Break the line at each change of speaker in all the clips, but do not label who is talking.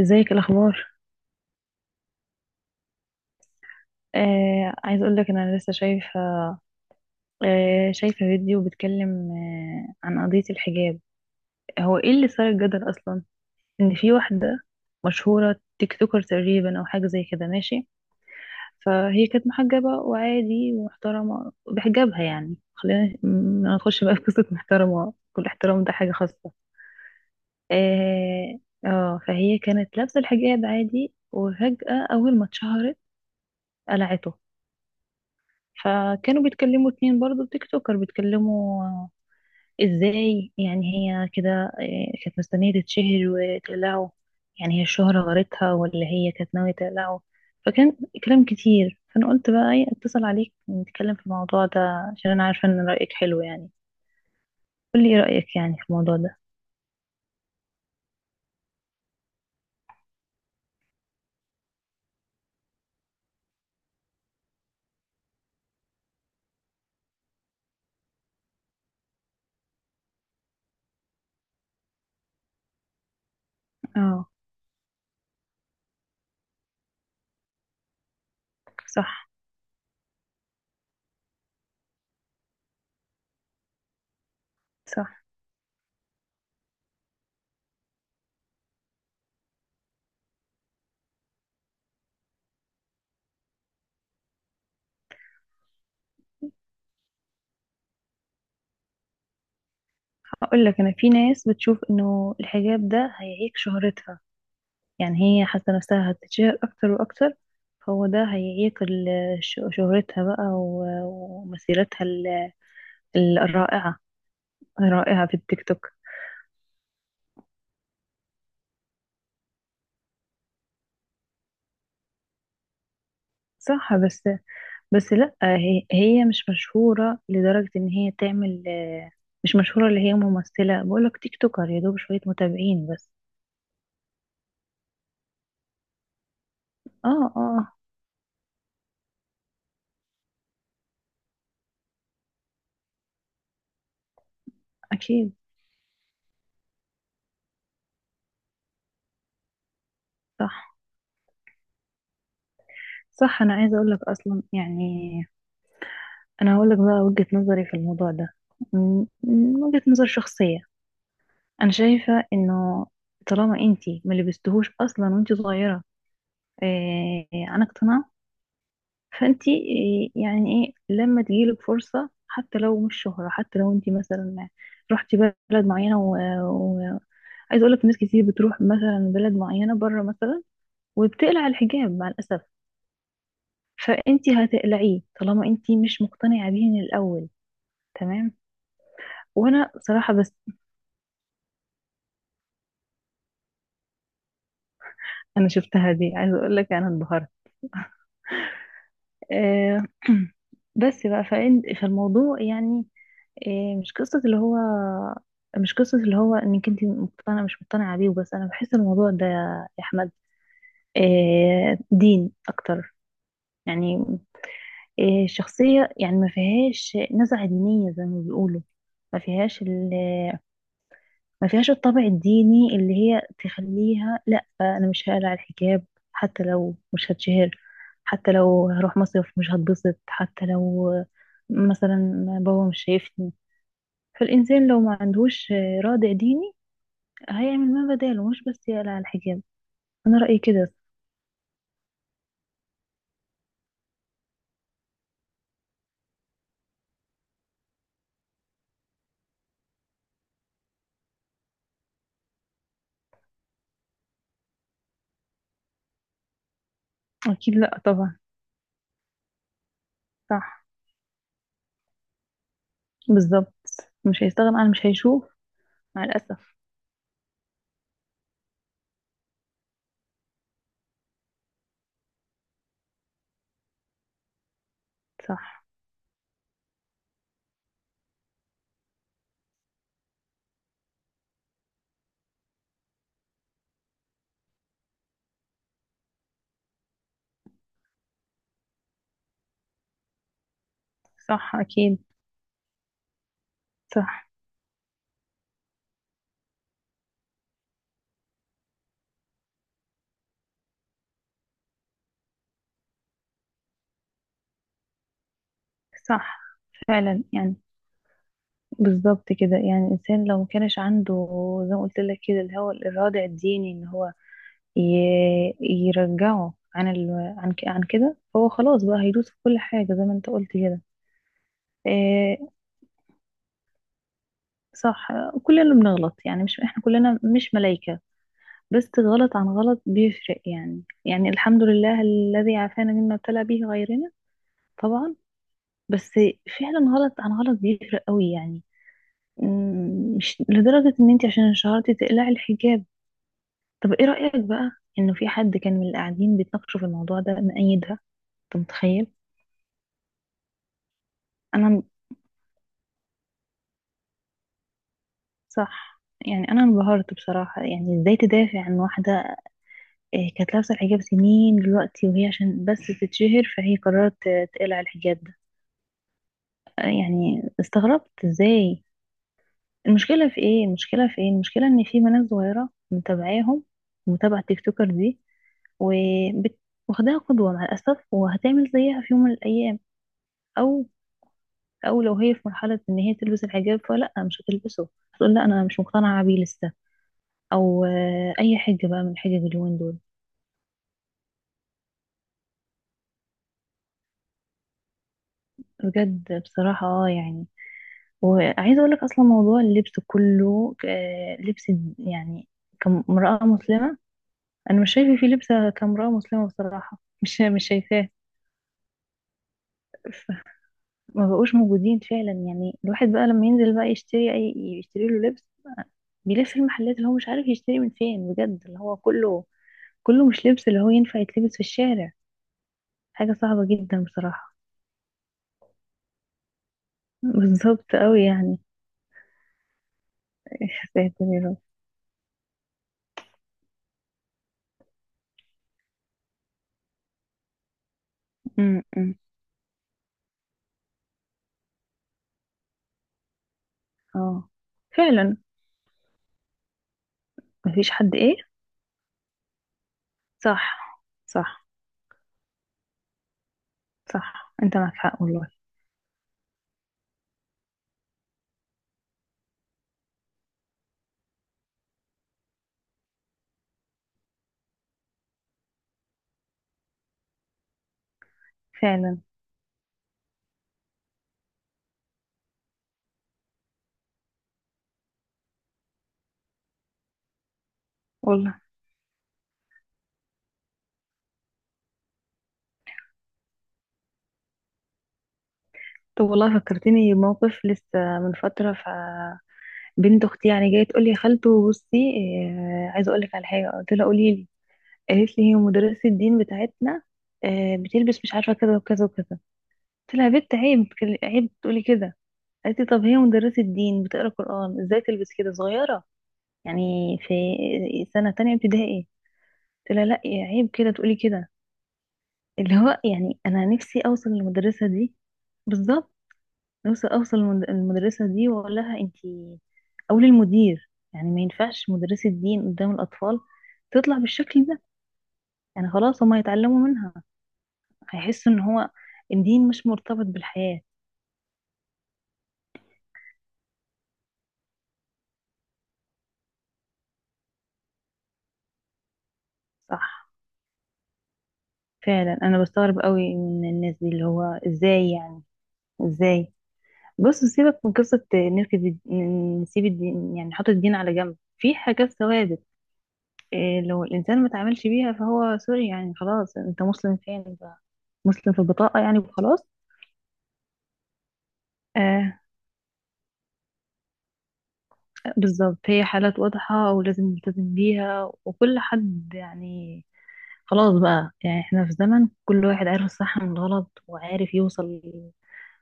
ازيك؟ إيه الاخبار؟ عايز اقول لك انا لسه شايفه، شايفه فيديو بيتكلم عن قضيه الحجاب. هو ايه اللي صار الجدل اصلا؟ ان في واحده مشهوره، تيك توكر تقريبا او حاجه زي كده، ماشي. فهي كانت محجبه وعادي ومحترمه بحجابها، يعني خلينا ما ندخلش بقى في قصه. محترمه كل احترام، ده حاجه خاصه. اه. فهي كانت لابسه الحجاب عادي، وفجاه اول ما اتشهرت قلعته. فكانوا بيتكلموا اتنين برضو تيك توكر، بيتكلموا. ازاي يعني هي كده؟ كانت مستنية تتشهر وتقلعه؟ يعني هي الشهرة غرتها، ولا هي كانت ناوية تقلعه؟ فكان كلام كتير، فأنا قلت بقى ايه، اتصل عليك نتكلم في الموضوع ده، عشان أنا عارفة إن رأيك حلو يعني. قولي ايه رأيك يعني في الموضوع ده؟ اه. صح، صح. هقول لك، أنا في ناس بتشوف إنه الحجاب ده هيعيق شهرتها، يعني هي حاسة نفسها هتتشهر أكتر وأكتر، فهو ده هياكل شهرتها بقى ومسيرتها الرائعة الرائعة في التيك توك. صح، بس لأ، هي مش مشهورة لدرجة إن هي تعمل. مش مشهورة اللي هي ممثلة، بقولك تيك توكر، يا دوب شوية متابعين بس. اه، اه، أكيد. صح، صح. أنا عايزة أقولك أصلا يعني، أنا هقولك بقى وجهة نظري في الموضوع ده. وجهة نظر شخصية. انا شايفه انه طالما انتي ما لبستهوش اصلا وانتي صغيره، عن اقتناع، فانتي يعني ايه لما تجيلك فرصه، حتى لو مش شهره، حتى لو انتي مثلا رحتي بلد معينه، وعايز اقول لك ناس كتير بتروح مثلا بلد معينه بره مثلا وبتقلع الحجاب مع الاسف. فانتي هتقلعيه طالما انتي مش مقتنعه بيه من الاول. تمام. وانا صراحه بس انا شفتها دي، عايز اقول لك انا انبهرت. آه، بس بقى فالموضوع يعني إيه، مش قصة اللي هو مش قصة اللي هو انك انت مقتنعة مش مقتنعة بيه وبس. انا بحس الموضوع ده يا احمد دين اكتر يعني، الشخصية يعني ما فيهاش نزعة دينية زي ما بيقولوا. ما فيهاش ما فيهاش الطابع الديني اللي هي تخليها: لا، انا مش هقلع الحجاب حتى لو مش هتشهر، حتى لو هروح مصيف مش هتبسط، حتى لو مثلا بابا مش شايفني. فالإنسان لو ما عندهوش رادع ديني هيعمل ما بداله، مش بس يقلع الحجاب. أنا رأيي كده. أكيد لأ، طبعا. صح. بالظبط. مش هيستغنى عن مش هيشوف مع الأسف. صح. صح، أكيد. صح. صح، فعلا يعني. بالظبط كده، يعني الإنسان لو ما كانش عنده، زي ما قلت لك كده، اللي هو الإرادة الديني، اللي هو يرجعه عن عن كده، هو خلاص بقى هيدوس في كل حاجة زي ما انت قلت كده. إيه، صح. كلنا بنغلط يعني، مش احنا كلنا مش ملايكة. بس غلط عن غلط بيفرق يعني، الحمد لله الذي عافانا مما ابتلى به غيرنا. طبعا. بس فعلا غلط عن غلط بيفرق قوي يعني. مش لدرجة ان انت عشان شهرتي تقلعي الحجاب. طب ايه رأيك بقى، انه في حد كان من اللي قاعدين بيتناقشوا في الموضوع ده مأيدها؟ انت متخيل؟ انا... صح، يعني انا انبهرت بصراحة، يعني ازاي تدافع عن واحدة كانت لابسة الحجاب سنين دلوقتي، وهي عشان بس تتشهر فهي قررت تقلع الحجاب ده؟ يعني استغربت ازاي. المشكلة ان في بنات صغيرة متابعاهم، متابعة تيك توكر دي وبت- واخداها قدوة مع الأسف، وهتعمل زيها في يوم من الأيام، او او لو هي في مرحله ان هي تلبس الحجاب فلا مش هتلبسه، هتقول لا انا مش مقتنعه بيه لسه، او اي حجه بقى من حجج اليومين دول. بجد بصراحه اه يعني. وعايزه اقول لك اصلا، موضوع اللبس كله، لبس يعني كامراه مسلمه، انا مش شايفه فيه لبسه كامراه مسلمه بصراحه. مش شايفاه. ف- ما بقوش موجودين فعلا، يعني الواحد بقى لما ينزل بقى يشتري اي، يشتري له لبس، بيلف المحلات اللي هو مش عارف يشتري من فين بجد، اللي هو كله مش لبس اللي هو ينفع يتلبس في الشارع. حاجة صعبة جدا بصراحة. بالظبط قوي يعني. يا ساتر يا رب. م- م. اه. فعلا. مفيش حد ايه؟ صح. صح. صح، انت معك حق والله. فعلا والله. طب والله فكرتني بموقف لسه من فترة، بنت اختي يعني جايه تقول لي: يا خالته بصي، عايزه اقول لك على حاجه. قلت لها: قولي لي. قالت لي: هي مدرسه الدين بتاعتنا بتلبس مش عارفه كذا وكذا وكذا. قلت لها: يا بنت عيب عيب تقولي كده. قالت لي: طب هي مدرسة دين بتقرا قرآن، ازاي تلبس كده صغيرة؟ يعني في سنة تانية ابتدائي. قلت لها: لا عيب كده تقولي كده. اللي هو يعني انا نفسي اوصل للمدرسة دي. بالظبط. نفسي اوصل للمدرسة دي واقول لها: انتي او للمدير، يعني ما ينفعش مدرسة دين قدام الاطفال تطلع بالشكل ده، يعني خلاص هما يتعلموا منها، هيحسوا ان هو الدين مش مرتبط بالحياة. صح. فعلا انا بستغرب قوي من الناس دي، اللي هو ازاي يعني؟ ازاي؟ بص سيبك من قصة نسيب الدين، يعني نحط الدين على جنب في حاجات ثوابت إيه؟ لو الإنسان ما تعاملش بيها فهو سوري يعني، خلاص أنت مسلم فين؟ أنت مسلم في البطاقة يعني، وخلاص. آه. بالظبط، هي حالات واضحة ولازم نلتزم بيها، وكل حد يعني خلاص بقى، يعني احنا في زمن كل واحد عارف الصح من الغلط وعارف يوصل.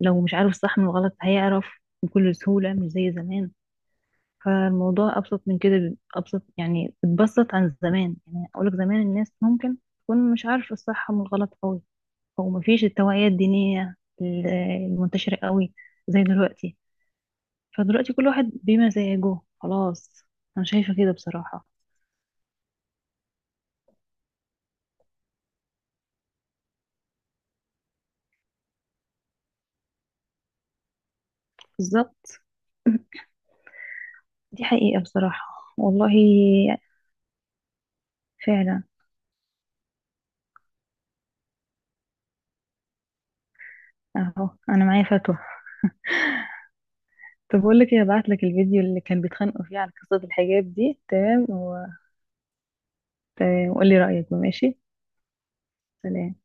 لو مش عارف الصح من الغلط هيعرف بكل سهولة، مش زي زمان. فالموضوع أبسط من كده، أبسط يعني، اتبسط عن زمان، يعني أقولك زمان الناس ممكن تكون مش عارفة الصح من الغلط قوي، أو مفيش التوعية الدينية ال- المنتشرة قوي زي دلوقتي. فدلوقتي كل واحد بمزاجه خلاص. أنا شايفة كده بصراحة. بالظبط. دي حقيقة بصراحة والله. فعلا. أهو أنا معايا فتوى. طب بقول لك إيه، هبعتلك الفيديو اللي كان بيتخانقوا فيه على قصة الحجاب دي، تمام، تمام، وقولي رأيك، ماشي. سلام.